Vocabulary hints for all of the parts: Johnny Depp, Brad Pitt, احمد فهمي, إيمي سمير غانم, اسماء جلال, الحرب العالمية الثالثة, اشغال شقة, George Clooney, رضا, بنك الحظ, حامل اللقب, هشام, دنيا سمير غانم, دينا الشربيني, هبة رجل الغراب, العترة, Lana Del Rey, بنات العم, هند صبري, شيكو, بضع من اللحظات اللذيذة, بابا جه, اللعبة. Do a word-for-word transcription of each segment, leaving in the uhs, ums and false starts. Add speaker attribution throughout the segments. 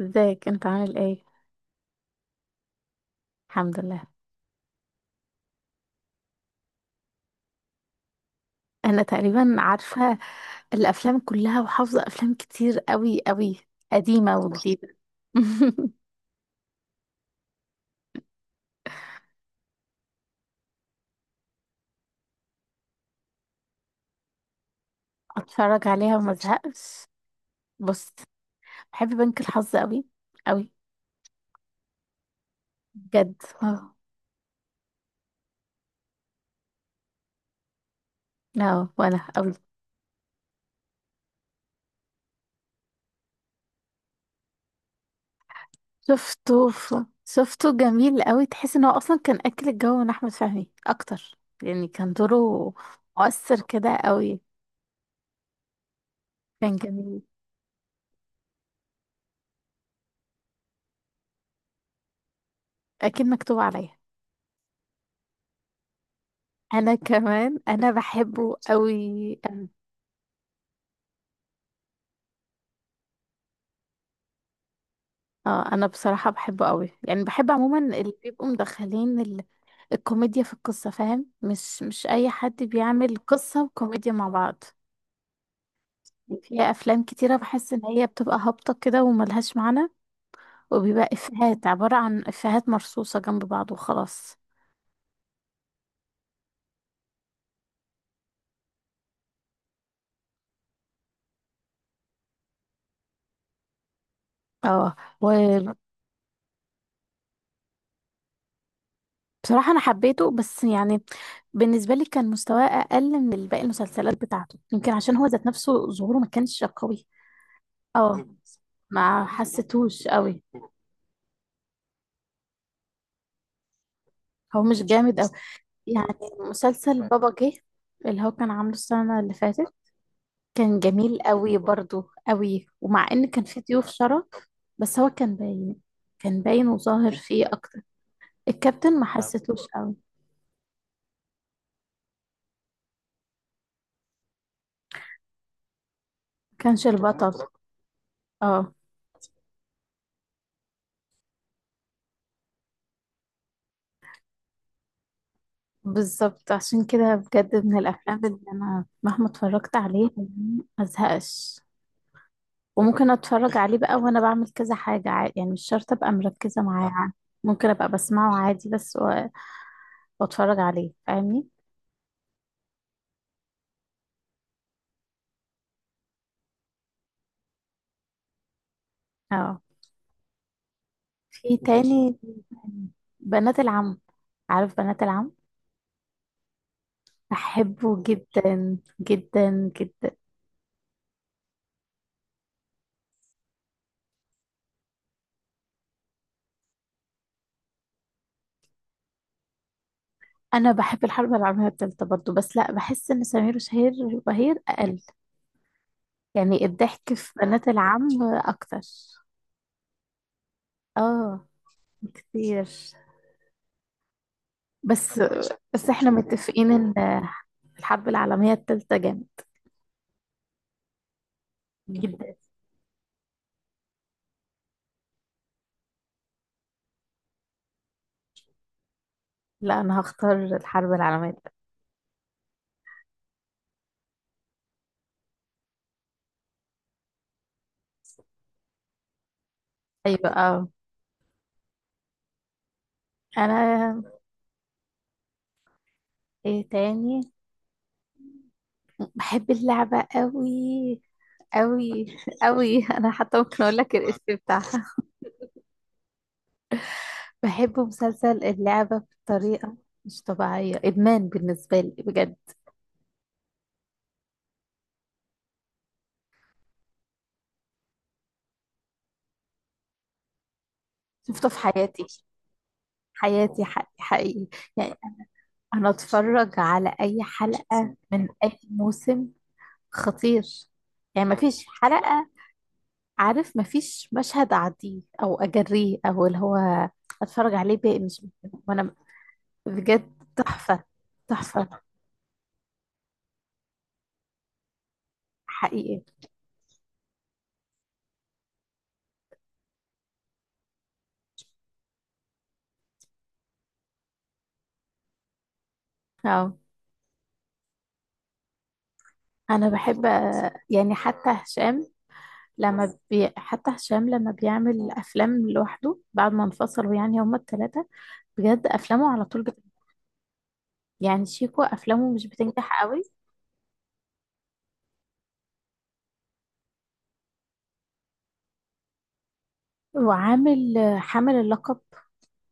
Speaker 1: ازيك انت عامل ايه؟ الحمد لله. انا تقريبا عارفه الافلام كلها وحافظه افلام كتير قوي قوي، قديمه وجديده. اتفرج عليها وما ازهقش. بص، بحب بنك الحظ قوي قوي، بجد اه. اه، وانا قوي. شفته في- شفته جميل قوي، تحس ان هو اصلا كان اكل الجو من احمد فهمي اكتر. يعني كان دوره مؤثر كده قوي. كان جميل. اكيد مكتوب عليا. انا كمان انا بحبه قوي. اه، انا بصراحة بحبه قوي، يعني بحب عموما اللي بيبقوا مدخلين ال... الكوميديا في القصة، فاهم؟ مش مش اي حد بيعمل قصة وكوميديا مع بعض. يعني في افلام كتيرة بحس ان هي بتبقى هابطة كده وملهاش معنى، وبيبقى افيهات عبارة عن افيهات مرصوصة جنب بعض وخلاص. اه، وبصراحة انا حبيته بس يعني بالنسبة لي كان مستواه اقل من باقي المسلسلات بتاعته، يمكن عشان هو ذات نفسه ظهوره ما كانش قوي. اه، ما حسيتهوش قوي. هو مش جامد قوي. يعني مسلسل بابا جه اللي هو كان عامله السنة اللي فاتت كان جميل قوي برضو قوي، ومع ان كان فيه ضيوف شرف. بس هو كان باين، كان باين وظاهر فيه اكتر. الكابتن ما حسيتهوش قوي، كانش البطل. اه بالظبط، عشان كده بجد من الافلام اللي انا مهما اتفرجت عليه ما ازهقش. وممكن اتفرج عليه بقى وانا بعمل كذا حاجة عادي، يعني مش شرط ابقى مركزة معاه يعني. ممكن ابقى بسمعه عادي بس و- واتفرج عليه، فاهمني؟ اه، في ماشي تاني: بنات العم. عارف بنات العم؟ بحبه جدا جدا جدا. انا بحب الحرب العالميه الثالثه برضو، بس لا، بحس ان سمير وشهير وبهير اقل. يعني الضحك في بنات العم اكتر، اه، كتير. بس بس احنا متفقين ان الحرب العالمية التالتة جامد جدا. لا، أنا هختار الحرب العالمية التالتة. أيوة اه. أنا إيه تاني؟ بحب اللعبة قوي قوي قوي. أنا حتى ممكن أقول لك الاسم بتاعها. بحب مسلسل اللعبة بطريقة مش طبيعية، إدمان بالنسبة لي بجد. شفته في حياتي، حياتي حقيقي، حقيقي. يعني أنا أتفرج على أي حلقة من أي موسم. خطير. يعني مفيش حلقة، عارف؟ مفيش مشهد اعديه او اجريه او اللي هو اتفرج عليه بقى، مش وانا. بجد تحفة، تحفة حقيقي. اه، انا بحب، آه، يعني حتى هشام لما بي... حتى هشام لما بيعمل افلام لوحده بعد ما انفصلوا، يعني هما الثلاثة بجد افلامه على طول بت... يعني شيكو افلامه مش بتنجح قوي. وعامل آه، حامل اللقب.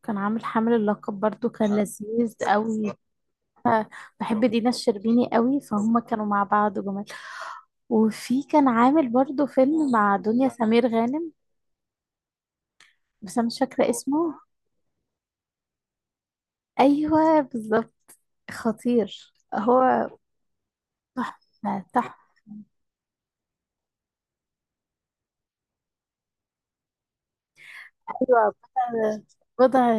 Speaker 1: كان عامل حامل اللقب برضو، كان لذيذ قوي. بحب دينا الشربيني قوي، فهم كانوا مع بعض جمال. وفي كان عامل برضو فيلم مع دنيا سمير غانم، بس انا مش فاكرة اسمه. ايوه بالظبط. خطير هو، تحفة تحفة. ايوه بضع بضع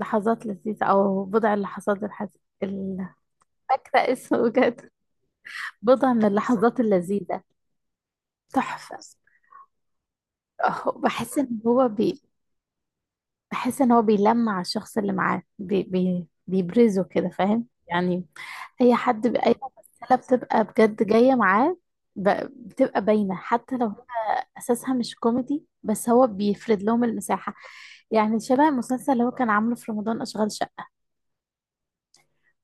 Speaker 1: لحظات لذيذة، او بضع اللحظات الحز... ال- فاكرة اسمه بجد. بضع من اللحظات اللذيذة. تحفة. أهو، بحس ان هو بي... بحس ان هو بيلمع على الشخص اللي معاه، بي بي بيبرزه كده، فاهم يعني؟ اي حد، ب- اي ممثله بتبقى بجد جايه معاه، ب- بتبقى باينه حتى لو هي اساسها مش كوميدي، بس هو بيفرد لهم المساحه. يعني شبه المسلسل اللي هو كان عامله في رمضان، اشغال شقه.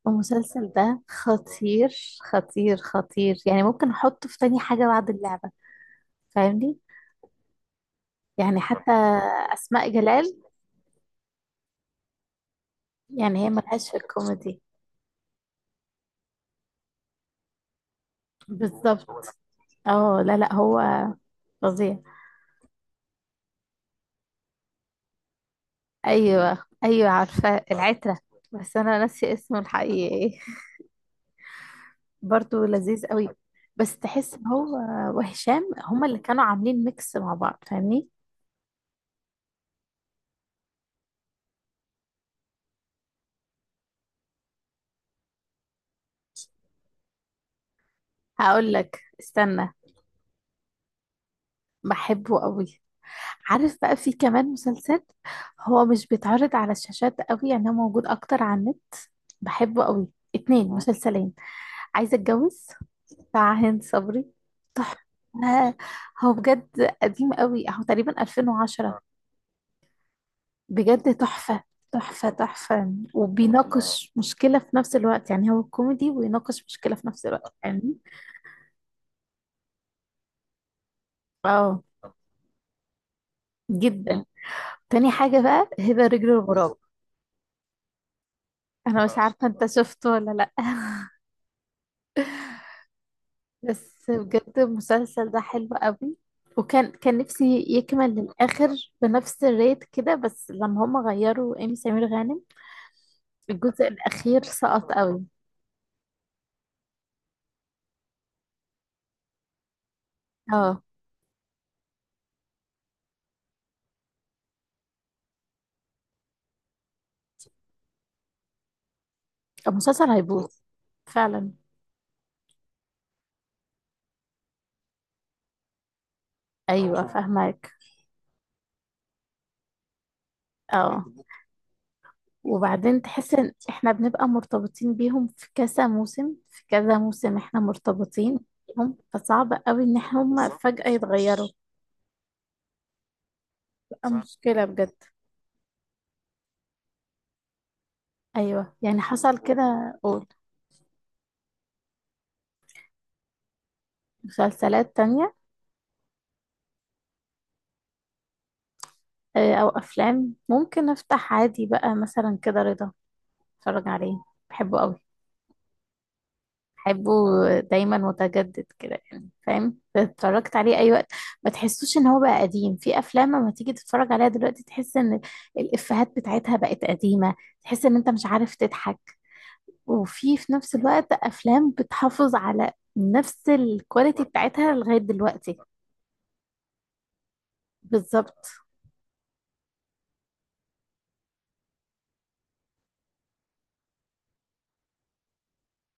Speaker 1: المسلسل ده خطير، خطير خطير، يعني ممكن احطه في تاني حاجه بعد اللعبه، فاهمني؟ يعني حتى اسماء جلال، يعني هي ملهاش في الكوميدي. بالظبط. اه لا لا، هو فظيع. ايوه ايوه، عارفه العترة. بس انا ناسيه اسمه الحقيقي ايه. برضه لذيذ قوي. بس تحس ان هو وهشام هما اللي كانوا عاملين ميكس مع بعض، فاهمني؟ هقول لك استنى. بحبه قوي. عارف بقى في كمان مسلسل، هو مش بيتعرض على الشاشات قوي يعني، هو موجود اكتر على النت. بحبه قوي. اتنين مسلسلين: عايزه اتجوز بتاع هند صبري. تحفة. هو بجد قديم قوي، هو تقريبا ألفين وعشرة. بجد تحفة، تحفة تحفة. وبيناقش مشكلة في نفس الوقت، يعني هو كوميدي ويناقش مشكلة في نفس الوقت يعني. اه، جدا. تاني حاجة بقى: هبة رجل الغراب. انا مش عارفة انت شفته ولا لا. بس بجد المسلسل ده حلو قوي. وكان، كان نفسي يكمل للآخر بنفس الريت كده، بس لما هم غيروا إيمي سمير غانم الجزء الأخير سقط قوي. اه، المسلسل هيبوظ. فعلا. أيوة فاهمك. اه، وبعدين تحس إن إحنا بنبقى مرتبطين بيهم في كذا موسم، في كذا موسم إحنا مرتبطين بيهم، فصعب قوي إن إحنا هما بالظبط فجأة يتغيروا. بتبقى صح مشكلة بجد. أيوة، يعني حصل كده. قول. مسلسلات تانية؟ آه، أو أفلام ممكن أفتح عادي بقى مثلا كده رضا، أتفرج عليه. بحبه قوي، بحبه، دايما متجدد كده، يعني فاهم؟ اتفرجت عليه اي وقت، ما تحسوش ان هو بقى قديم. في افلام لما تيجي تتفرج عليها دلوقتي تحس ان الافيهات بتاعتها بقت قديمة، تحس ان انت مش عارف تضحك. وفي في نفس الوقت افلام بتحافظ على نفس الكواليتي بتاعتها لغاية دلوقتي. بالظبط.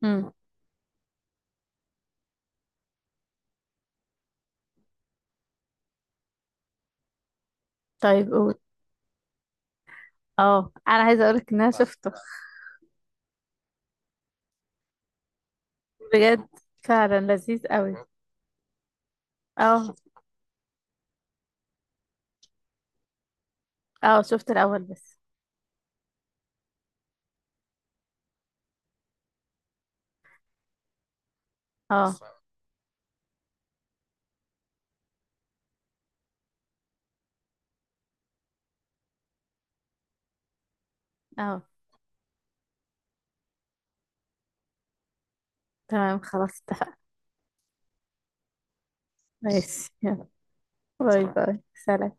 Speaker 1: امم طيب قول. اه، انا عايزة اقولك ان انا شفته. بجد فعلا لذيذ قوي. اه اه، شفت الاول بس. اه اه، تمام خلاص اتفقنا. ماشي. باي باي، سلام.